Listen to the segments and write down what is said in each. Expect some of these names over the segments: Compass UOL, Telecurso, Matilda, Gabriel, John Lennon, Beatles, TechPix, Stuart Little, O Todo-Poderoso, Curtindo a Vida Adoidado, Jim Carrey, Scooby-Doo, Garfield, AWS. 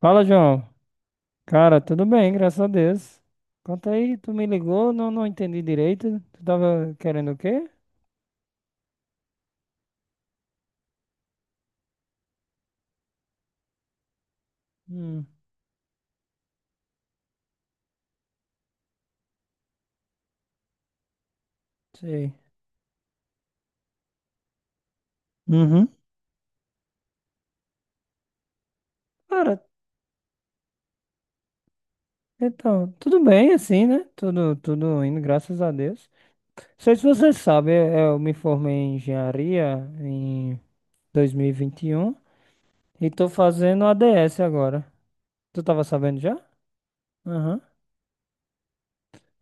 Fala, João. Cara, tudo bem, graças a Deus. Conta aí, tu me ligou, não entendi direito. Tu tava querendo o quê? Hum, sei. Uhum. Cara, então, tudo bem assim, né? Tudo indo, graças a Deus. Não sei se você sabe, eu me formei em engenharia em 2021 e vinte e um e tô fazendo ADS agora. Tu tava sabendo já? Uhum.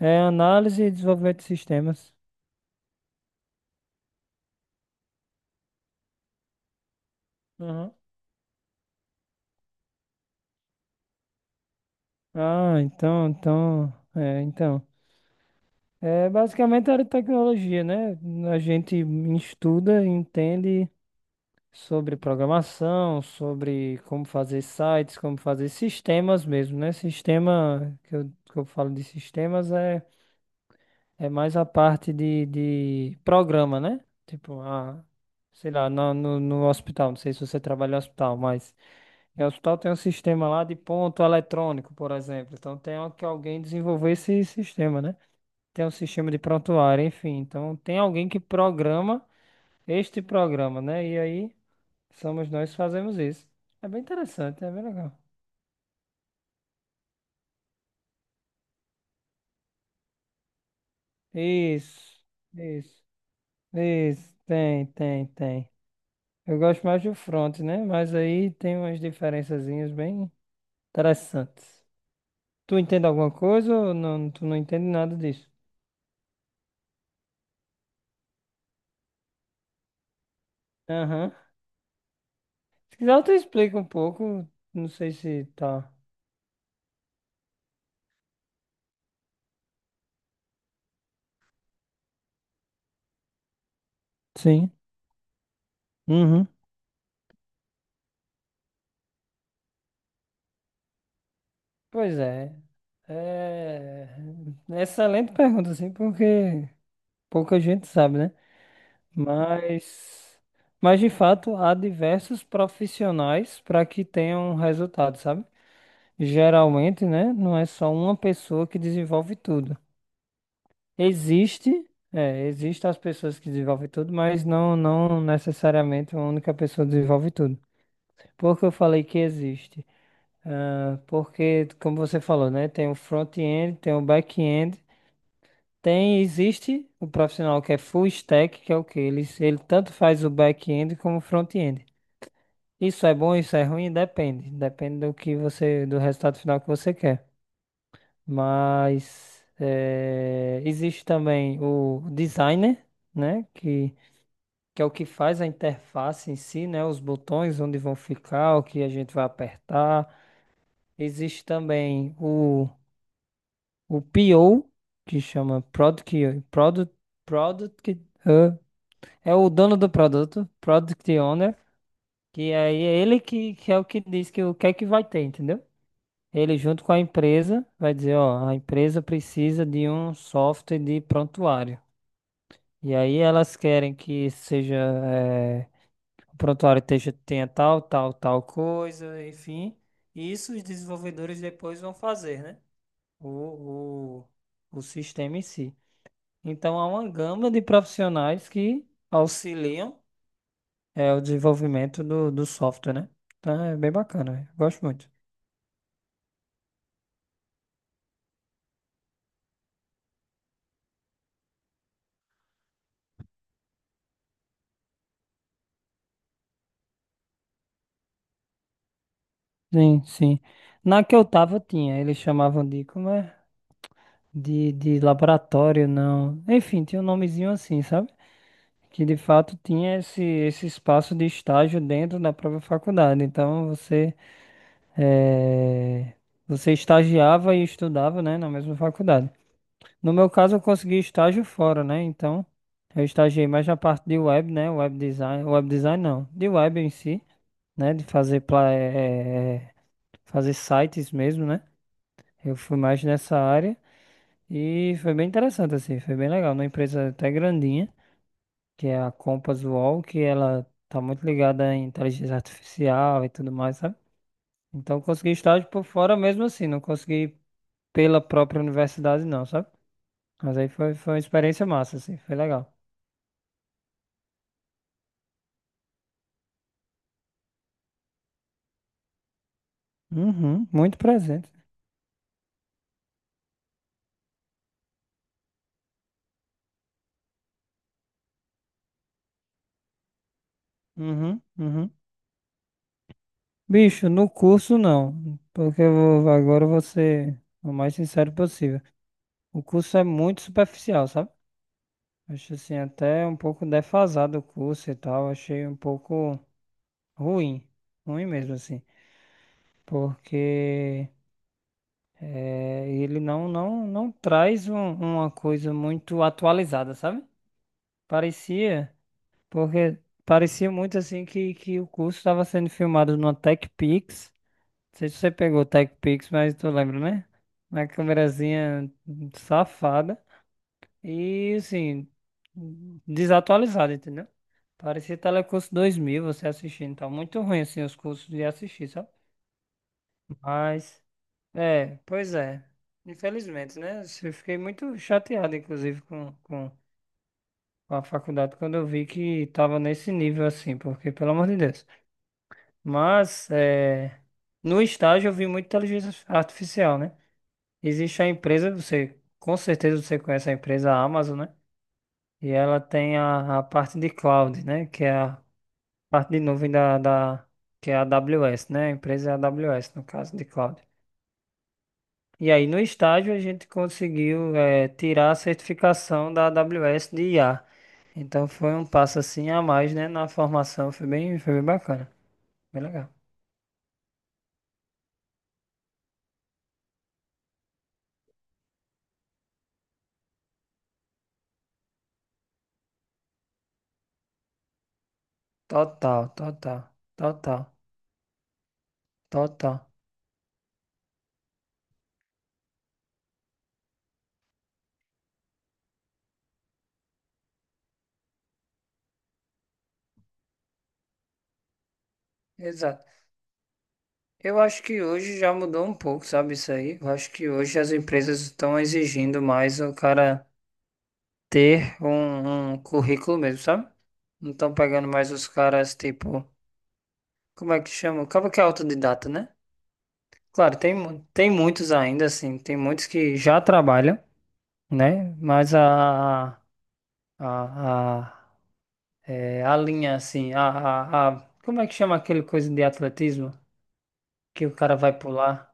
É análise e desenvolvimento de sistemas. Uhum. Ah, então, é, então. É basicamente a área de tecnologia, né? A gente estuda, entende sobre programação, sobre como fazer sites, como fazer sistemas mesmo, né? Sistema, que eu falo de sistemas, é mais a parte de programa, né? Tipo, sei lá, no hospital, não sei se você trabalha em hospital, mas em hospital tem um sistema lá de ponto eletrônico, por exemplo. Então tem que alguém desenvolver esse sistema, né? Tem um sistema de prontuário, enfim. Então, tem alguém que programa este programa, né? E aí, somos nós que fazemos isso. É bem interessante, é bem legal. Isso, isso, isso. Tem, tem, tem. Eu gosto mais do front, né? Mas aí tem umas diferençazinhas bem interessantes. Tu entende alguma coisa ou não, tu não entende nada disso? Aham. Se quiser, eu te explico um pouco. Não sei se tá. Sim. Uhum. Pois é. É é excelente pergunta, assim, porque pouca gente sabe, né? Mas, mas de fato, há diversos profissionais para que tenham resultado, sabe? Geralmente, né? Não é só uma pessoa que desenvolve tudo. Existe, existem as pessoas que desenvolvem tudo, mas não necessariamente uma única pessoa desenvolve tudo. Por que eu falei que existe? Ah, porque, como você falou, né? Tem o front-end, tem o back-end. Tem, existe o profissional que é full stack, que é o que ele tanto faz o back-end como o front-end. Isso é bom, isso é ruim, depende. Depende do resultado final que você quer. Mas existe também o designer, né? Que é o que faz a interface em si, né? Os botões onde vão ficar, o que a gente vai apertar. Existe também o PO, que chama Product. É o dono do produto, Product Owner, que aí é ele que é o que diz que o que é que vai ter, entendeu? Ele junto com a empresa vai dizer, ó, a empresa precisa de um software de prontuário. E aí elas querem que seja, o prontuário esteja, tenha tal, tal, tal coisa, enfim. E isso os desenvolvedores depois vão fazer, né? O, o, o sistema em si. Então há uma gama de profissionais que auxiliam é o desenvolvimento do software, né? Então é bem bacana, velho. Gosto muito. Sim, sim. Na que eu tava tinha, eles chamavam de, como é? De laboratório, não. Enfim, tinha um nomezinho assim, sabe? Que de fato tinha esse espaço de estágio dentro da própria faculdade. Então eh, você estagiava e estudava, né, na mesma faculdade. No meu caso, eu consegui estágio fora, né? Então eu estagiei mais na parte de web, né? Web design não, de web em si. Né? De fazer, pla- eh, eh, eh, fazer sites mesmo, né? Eu fui mais nessa área e foi bem interessante, assim, foi bem legal. Uma empresa até grandinha, que é a Compass UOL, que ela tá muito ligada em inteligência artificial e tudo mais, sabe? Então eu consegui estágio por fora mesmo assim, não consegui pela própria universidade não, sabe? Mas aí foi uma experiência massa, assim, foi legal. Uhum, muito presente. Uhum, uhum. Bicho, no curso não, porque agora eu vou ser o mais sincero possível. O curso é muito superficial, sabe? Acho assim, até um pouco defasado o curso e tal, achei um pouco ruim, ruim mesmo assim, porque ele não traz uma coisa muito atualizada, sabe? Parecia, porque parecia muito assim que o curso estava sendo filmado numa TechPix. Não sei se você pegou o TechPix, mas tu lembra, né? Uma câmerazinha safada e, assim, desatualizada, entendeu? Parecia Telecurso 2000, você assistindo. Tá muito ruim, assim, os cursos de assistir, sabe? Mas, é, pois é. Infelizmente, né? Eu fiquei muito chateado, inclusive, com a faculdade quando eu vi que tava nesse nível, assim, porque, pelo amor de Deus. Mas, é, no estágio eu vi muita inteligência artificial, né? Existe a empresa, você com certeza você conhece a empresa Amazon, né? E ela tem a parte de cloud, né? Que é a parte de nuvem da que é a AWS, né? A empresa é a AWS, no caso de cloud. E aí no estágio a gente conseguiu tirar a certificação da AWS de IA. Então foi um passo assim a mais, né? Na formação foi bem bacana, bem legal. Total, total, total, total. Exato. Eu acho que hoje já mudou um pouco, sabe isso aí? Eu acho que hoje as empresas estão exigindo mais o cara ter um currículo mesmo, sabe? Não estão pegando mais os caras, tipo, como é que chama? Acaba que é autodidata, né? Claro, tem muitos ainda, assim, tem muitos que já trabalham, né? Mas a, a, a linha, assim, como é que chama aquele coisa de atletismo que o cara vai pular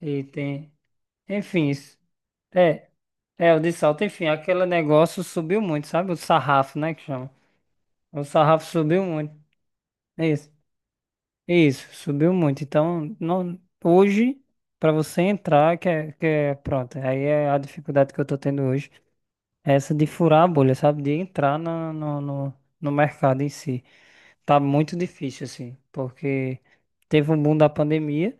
e tem, enfim, isso. É, É, o de salto, enfim, aquele negócio subiu muito, sabe? O sarrafo, né, que chama. O sarrafo subiu muito. Isso, isso, subiu muito. Então, não, hoje, para você entrar, que é, pronto, aí é a dificuldade que eu tô tendo hoje, é essa de furar a bolha, sabe? De entrar no mercado em si. Tá muito difícil, assim, porque teve um boom da pandemia,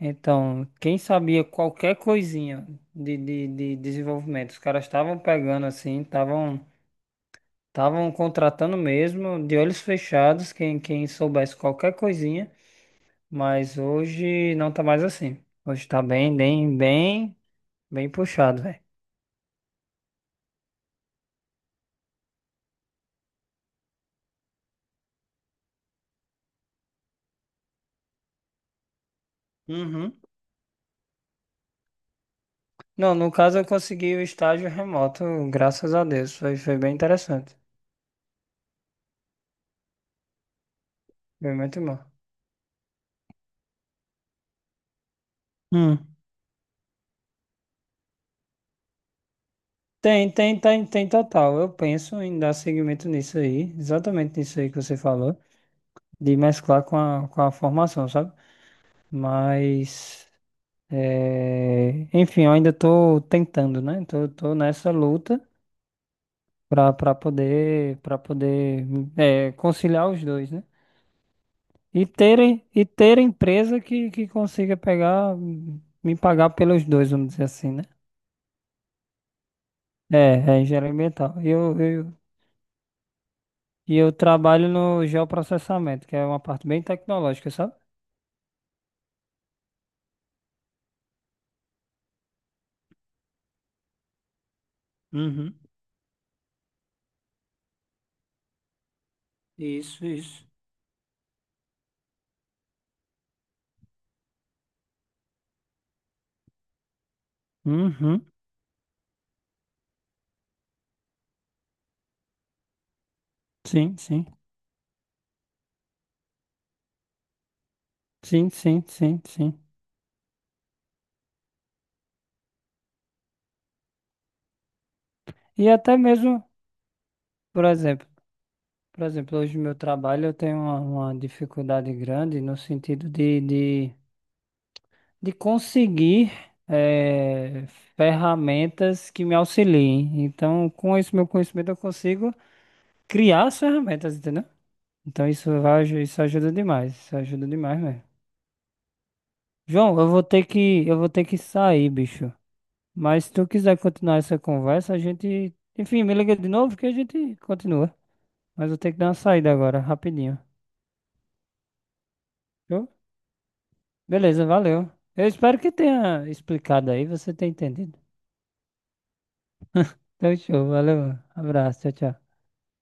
então, quem sabia qualquer coisinha de desenvolvimento, os caras estavam pegando, assim, estavam contratando mesmo, de olhos fechados, quem soubesse qualquer coisinha, mas hoje não tá mais assim. Hoje tá bem, bem, bem, bem puxado, velho. Uhum. Não, no caso eu consegui o estágio remoto, graças a Deus. Foi bem interessante. Foi muito bom. Hum. Tem, tem, tem, tem total. Eu penso em dar seguimento nisso aí, exatamente nisso aí que você falou, de mesclar com a formação, sabe? Mas. É, enfim, eu ainda estou tentando, né? Tô nessa luta para poder conciliar os dois, né? E ter empresa que consiga pegar me pagar pelos dois, vamos dizer assim, né? É, é engenharia ambiental. E eu trabalho no geoprocessamento, que é uma parte bem tecnológica, sabe? Uhum. Isso, isso. Uhum. Sim, sim. Sim, sim, sim, sim. E até mesmo, por exemplo, Por exemplo, hoje no meu trabalho eu tenho uma dificuldade grande no sentido de conseguir eh, ferramentas que me auxiliem. Então, com esse meu conhecimento, eu consigo criar as ferramentas, entendeu? Então, isso ajuda demais. Isso ajuda demais mesmo. João, eu vou ter que sair, bicho. Mas se tu quiser continuar essa conversa, a gente. Enfim, me liga de novo que a gente continua. Mas eu tenho que dar uma saída agora, rapidinho. Show? Beleza, valeu. Eu espero que tenha explicado aí, você tenha entendido. Então, show, valeu. Abraço, tchau, tchau.